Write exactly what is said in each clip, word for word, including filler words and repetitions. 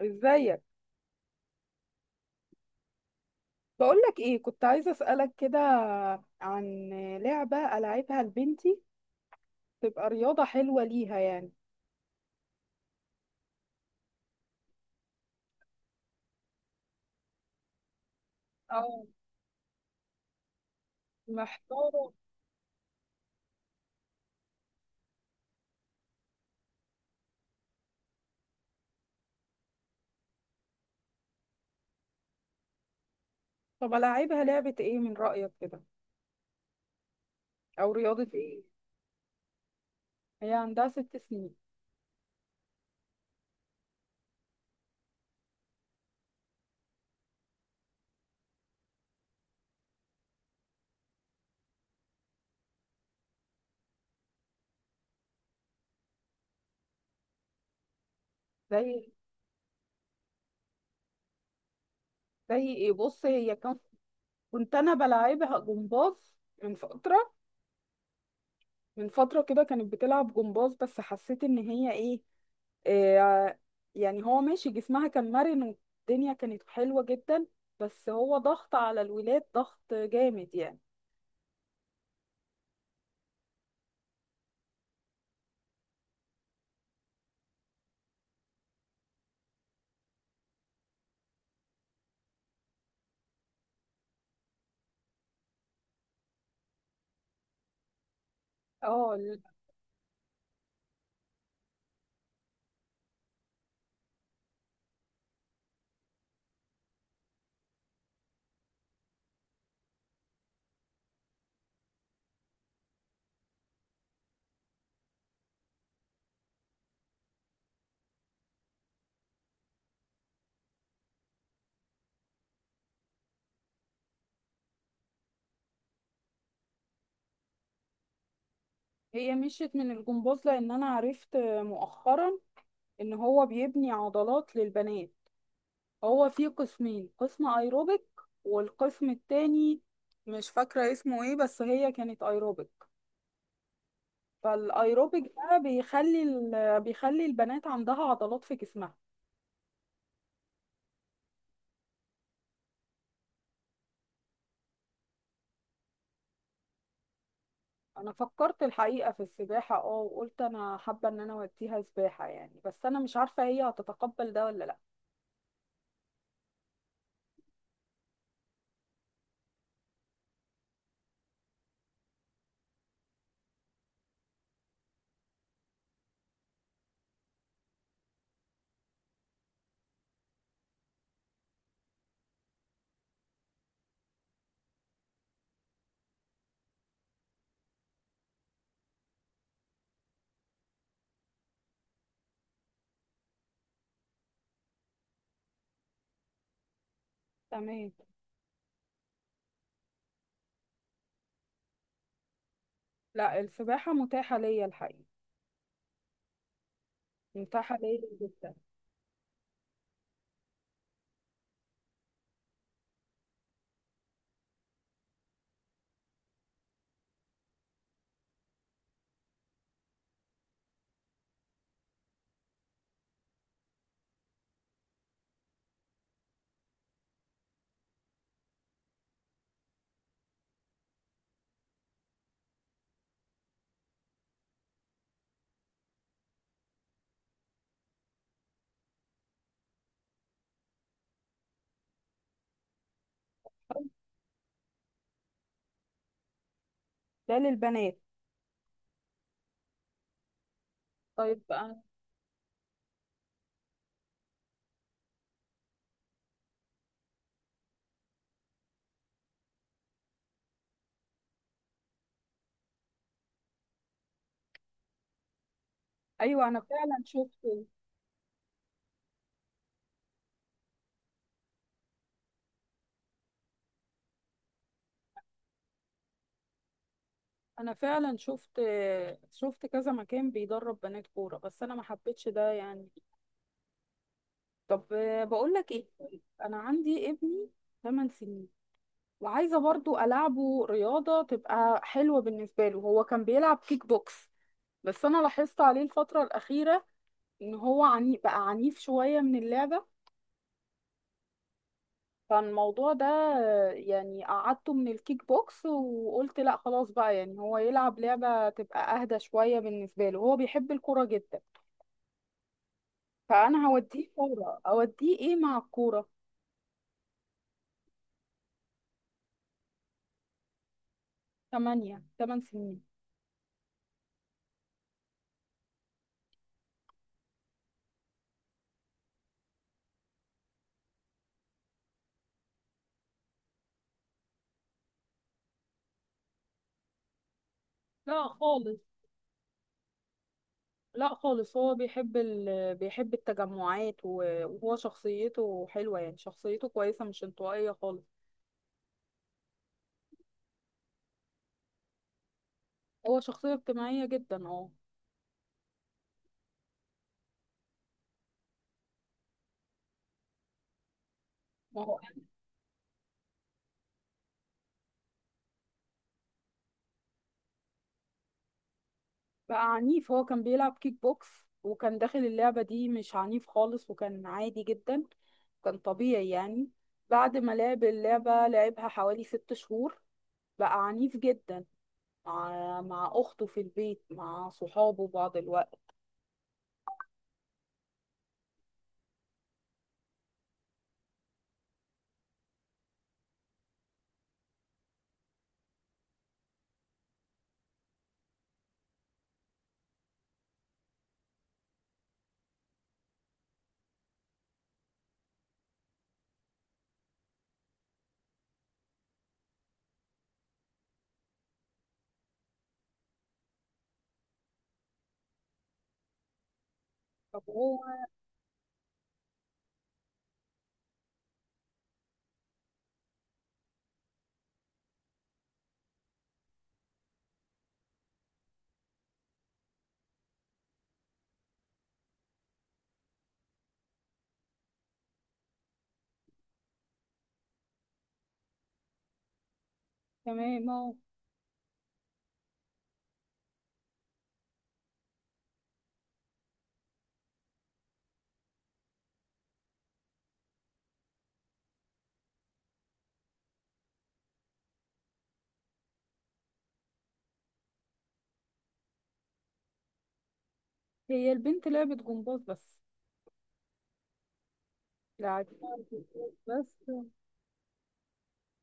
ازيك. بقولك ايه، كنت عايزة اسألك كده عن لعبة ألعبها لبنتي تبقى رياضة حلوة ليها يعني. اه، محتارة. طب ألعبها لعبة ايه من رأيك كده، او رياضة ايه؟ هي عندها ست سنين. زي زي ايه؟ بص، هي كان كنت انا بلعبها جمباز من فترة. من فترة كده كانت بتلعب جمباز، بس حسيت ان هي ايه، آه، يعني هو ماشي، جسمها كان مرن، والدنيا كانت حلوة جدا، بس هو ضغط على الولاد ضغط جامد يعني. اه ال- هي مشيت من الجمباز لان انا عرفت مؤخرا ان هو بيبني عضلات للبنات. هو فيه قسمين، قسم ايروبيك والقسم التاني مش فاكرة اسمه ايه، بس هي كانت ايروبيك. فالايروبيك ده بيخلي ال- بيخلي البنات عندها عضلات في جسمها. انا فكرت الحقيقه في السباحه، اه وقلت انا حابه ان انا اوديها سباحه يعني، بس انا مش عارفه هي هتتقبل ده ولا لا. تمام. لا، السباحه متاحه ليا الحقيقه، متاحه ليا جدا. طيب، ده للبنات؟ طيب، أنا... ايوه، انا فعلا شفت، انا فعلا شفت شفت كذا مكان بيدرب بنات كوره، بس انا ما حبيتش ده يعني. طب، بقول لك ايه، طيب، انا عندي ابني ثمانية سنين، وعايزة برضو ألعبه رياضة تبقى حلوة بالنسبة له، هو كان بيلعب كيك بوكس، بس أنا لاحظت عليه الفترة الأخيرة إن هو عني بقى عنيف شوية من اللعبة. فالموضوع ده آه، يعني قعدته من الكيك بوكس، وقلت لا خلاص بقى، يعني هو يلعب لعبة تبقى أهدى شوية بالنسبة له، هو بيحب الكورة جدا، فأنا هوديه كورة، أوديه إيه مع الكورة. تمانية تمن سنين. لا خالص. لا خالص، هو بيحب ال... بيحب التجمعات، و- وهو شخصيته حلوة يعني، شخصيته كويسة مش انطوائية خالص. هو شخصية اجتماعية جدا، اه. ما هو بقى عنيف، هو كان بيلعب كيك بوكس وكان داخل اللعبة دي مش عنيف خالص وكان عادي جدا، كان طبيعي يعني. بعد ما لعب اللعبة، لعبها حوالي ست شهور، بقى عنيف جدا، مع مع أخته في البيت، مع صحابه بعض الوقت. طب هو. تمام، اهو. هي البنت لعبة جمباز بس، لعبتها جمباز بس،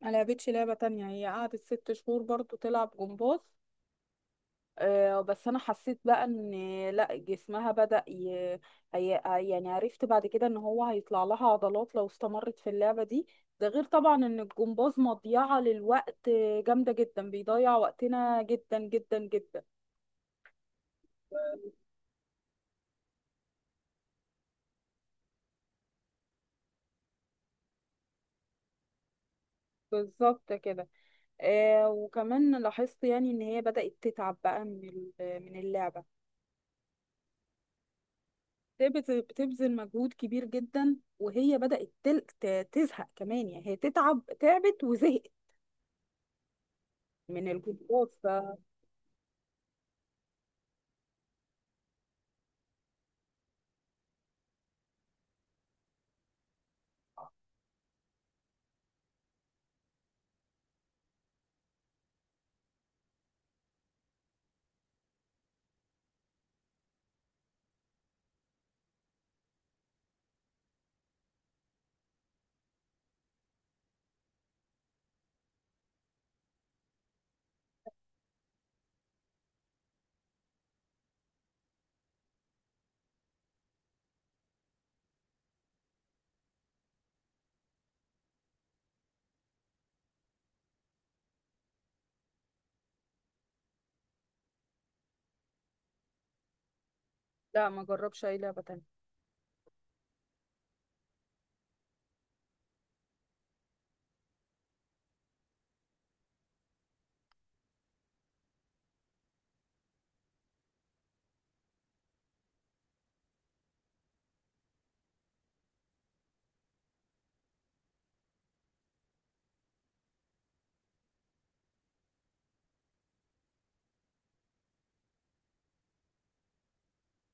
ما لعبتش لعبة تانية، هي قعدت ست شهور برضو تلعب جمباز. آه، بس انا حسيت بقى ان لا، جسمها بدأ ي... هي... يعني عرفت بعد كده ان هو هيطلع لها عضلات لو استمرت في اللعبة دي. ده غير طبعا ان الجمباز مضيعة للوقت، جامدة جدا، بيضيع وقتنا جدا جدا جدا. بالظبط كده. آه وكمان لاحظت يعني ان هي بدأت تتعب بقى من ال- من اللعبة. بت- بتبذل مجهود كبير جدا، وهي بدأت تل- ت- تزهق كمان، يعني هي تتعب، تعبت وزهقت من الجروبات فلا. ما جربش اي لعبة تانية.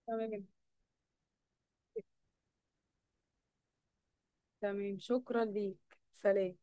تمام. تمام، شكرا ليك. سلام.